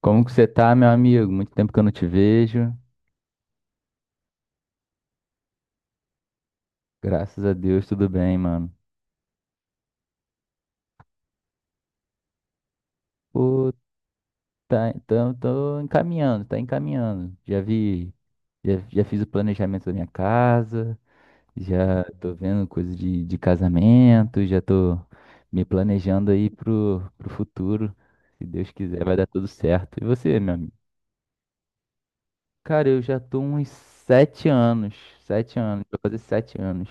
Como que você tá, meu amigo? Muito tempo que eu não te vejo. Graças a Deus, tudo bem, mano. Pô, tá, então, tô encaminhando, tá encaminhando. Já fiz o planejamento da minha casa, já tô vendo coisa de casamento, já tô me planejando aí pro futuro. Se Deus quiser, vai dar tudo certo. E você, meu amigo? Cara, eu já tô uns 7 anos, 7 anos, vou fazer 7 anos.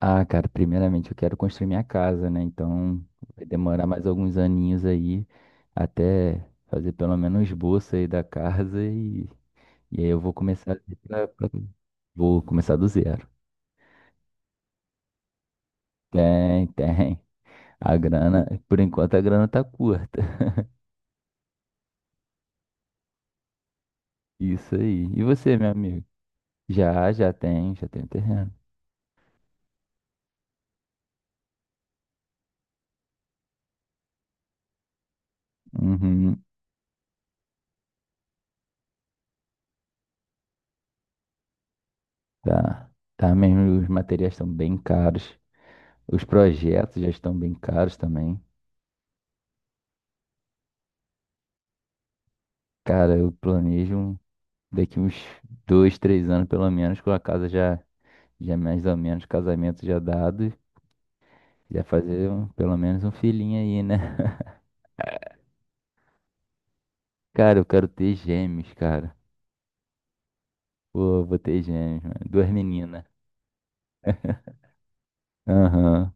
Ah, cara, primeiramente eu quero construir minha casa, né? Então vai demorar mais alguns aninhos aí até fazer pelo menos o esboço aí da casa e aí eu vou começar pra- pra- vou começar do zero. Tem, tem. A grana, por enquanto a grana tá curta. Isso aí. E você, meu amigo? Já tem, já tem terreno. Uhum, tá. Tá mesmo, os materiais estão bem caros. Os projetos já estão bem caros também. Cara, eu planejo. Daqui uns 2, 3 anos, pelo menos, com a casa já, já mais ou menos, casamento já dado, já fazer pelo menos um filhinho aí, né? Cara, eu quero ter gêmeos, cara. Pô, eu vou ter gêmeos, mano. Duas meninas. Aham.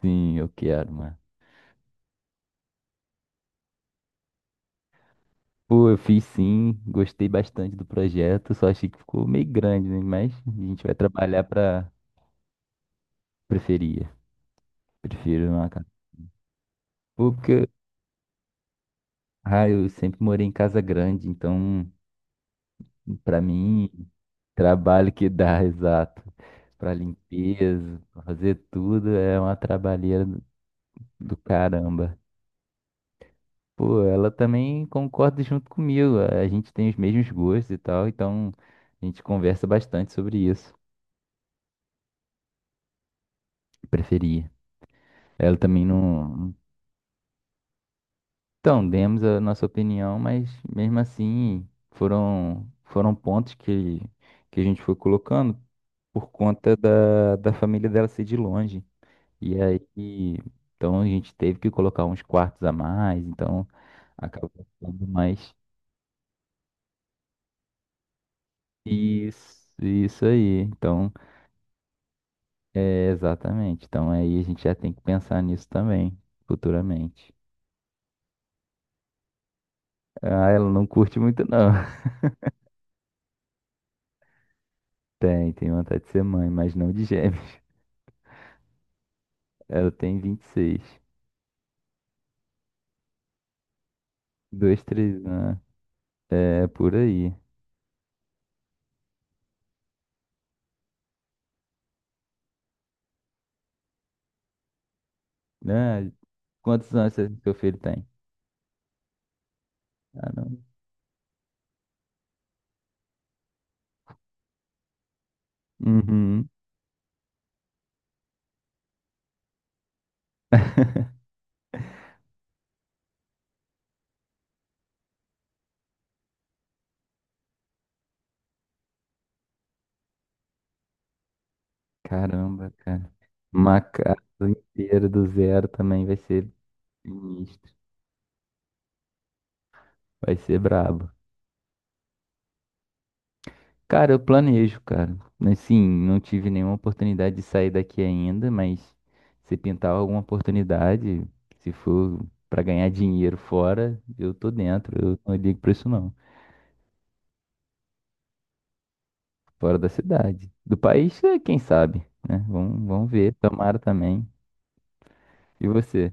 Sim, eu quero, mano. Pô, eu fiz sim, gostei bastante do projeto, só achei que ficou meio grande, né? Mas a gente vai trabalhar pra preferia. Prefiro uma casa. Porque, ah, eu sempre morei em casa grande, então Para mim, trabalho que dá, exato. Para limpeza, pra fazer tudo, é uma trabalheira do caramba. Pô, ela também concorda junto comigo. A gente tem os mesmos gostos e tal, então a gente conversa bastante sobre isso. Preferia. Ela também não. Então, demos a nossa opinião, mas mesmo assim foram pontos que a gente foi colocando por conta da família dela ser de longe. E aí, então a gente teve que colocar uns quartos a mais, então acabou ficando mais. Isso aí. Então, é exatamente. Então aí a gente já tem que pensar nisso também, futuramente. Ah, ela não curte muito, não. Tem, tem vontade de ser mãe, mas não de gêmeos. Ela tem 26. 2, 3 anos. É por aí. Ah, quantos anos seu filho tem? Ah, não. Uhum. Caramba, cara. Uma casa inteira do zero também vai ser sinistro. Vai ser brabo. Cara, eu planejo, cara. Assim, não tive nenhuma oportunidade de sair daqui ainda, mas se pintar alguma oportunidade, se for pra ganhar dinheiro fora, eu tô dentro. Eu não ligo pra isso, não. Fora da cidade. Do país, quem sabe, né? Vamos ver. Tomara também. E você?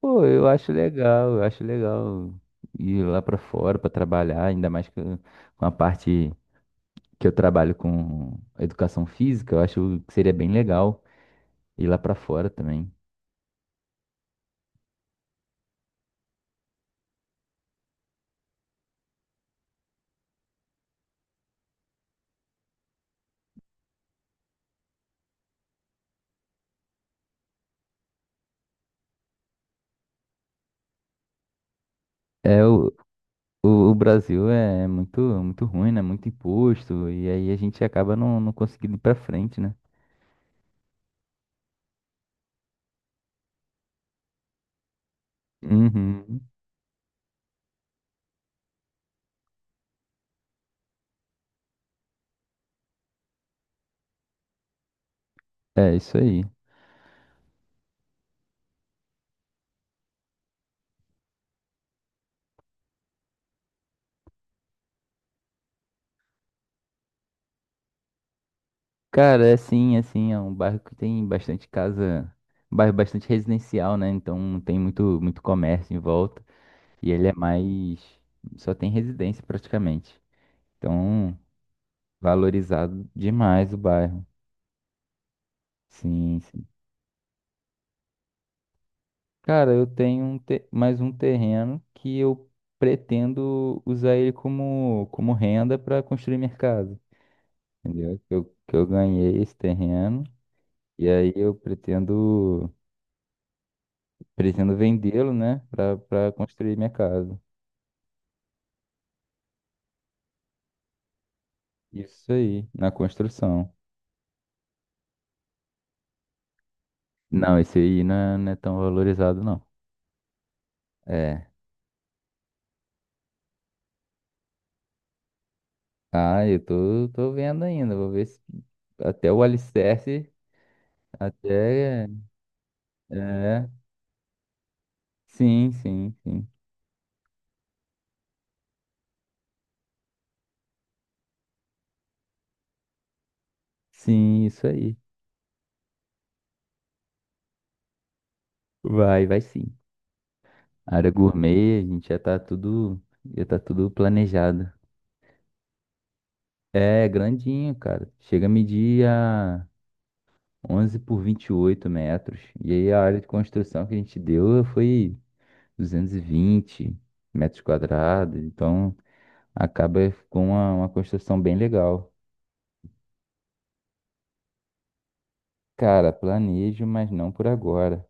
Pô, eu acho legal ir lá pra fora pra trabalhar, ainda mais que com a parte que eu trabalho com educação física, eu acho que seria bem legal ir lá pra fora também. É, o Brasil é muito, muito ruim, né? Muito imposto, e aí a gente acaba não conseguindo ir pra frente, né? Uhum. É isso aí. Cara, é assim, assim, é um bairro que tem bastante casa, um bairro bastante residencial, né? Então tem muito, muito comércio em volta. E ele é mais. Só tem residência praticamente. Então, valorizado demais o bairro. Sim, sim. Cara, eu tenho mais um terreno que eu pretendo usar ele como renda para construir minha casa. Entendeu? Que eu ganhei esse terreno. E aí eu pretendo vendê-lo, né? Para construir minha casa. Isso aí, na construção. Não, esse aí não é tão valorizado, não. É. Ah, eu tô vendo ainda. Vou ver se até o alicerce, até. É. Sim, sim, sim. Sim, isso aí. Vai, vai sim. A área gourmet, a gente já tá tudo. Já tá tudo planejado. É grandinho, cara. Chega a medir a 11 por 28 metros. E aí a área de construção que a gente deu foi 220 metros quadrados. Então acaba com uma construção bem legal. Cara, planejo, mas não por agora.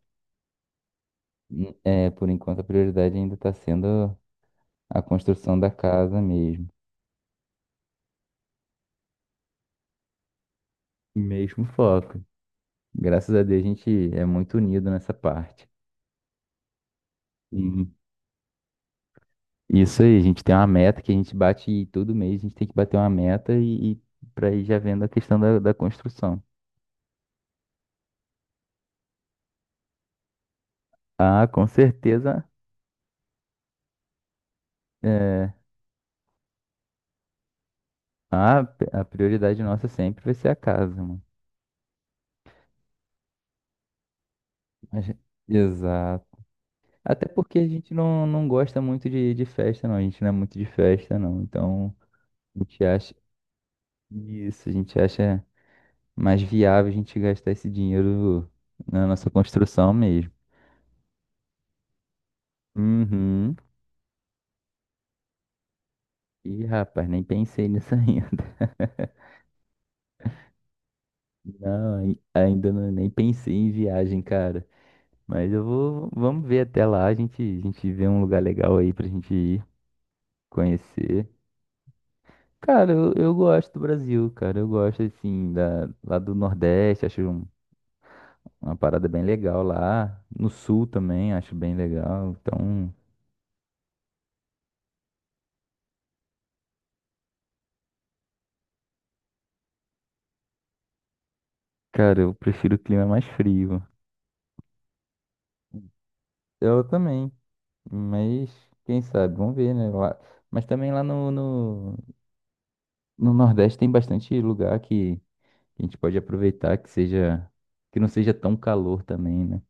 É, por enquanto a prioridade ainda está sendo a construção da casa mesmo. Mesmo foco. Graças a Deus a gente é muito unido nessa parte. Uhum. Isso aí, a gente tem uma meta que a gente bate e todo mês, a gente tem que bater uma meta e, para ir já vendo a questão da construção. Ah, com certeza, é, a prioridade nossa sempre vai ser a casa, mano. A gen- Exato. Até porque a gente não gosta muito de festa, não. A gente não é muito de festa, não. Então, a gente acha isso, a gente acha mais viável a gente gastar esse dinheiro na nossa construção mesmo. Uhum. Ih, rapaz, nem pensei nisso ainda. Não, ainda não, nem pensei em viagem, cara. Mas vamos ver até lá, a gente vê um lugar legal aí pra gente ir conhecer. Cara, eu gosto do Brasil, cara. Eu gosto, assim, lá do Nordeste, acho. Uma parada bem legal lá. No Sul também, acho bem legal. Então, cara, eu prefiro o clima mais frio. Eu também. Mas, quem sabe? Vamos ver, né? Lá. Mas também lá no Nordeste tem bastante lugar que a gente pode aproveitar que não seja tão calor também, né?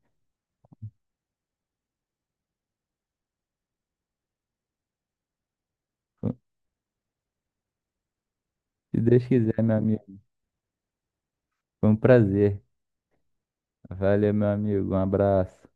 Se Deus quiser, meu amigo. Foi um prazer. Valeu, meu amigo. Um abraço.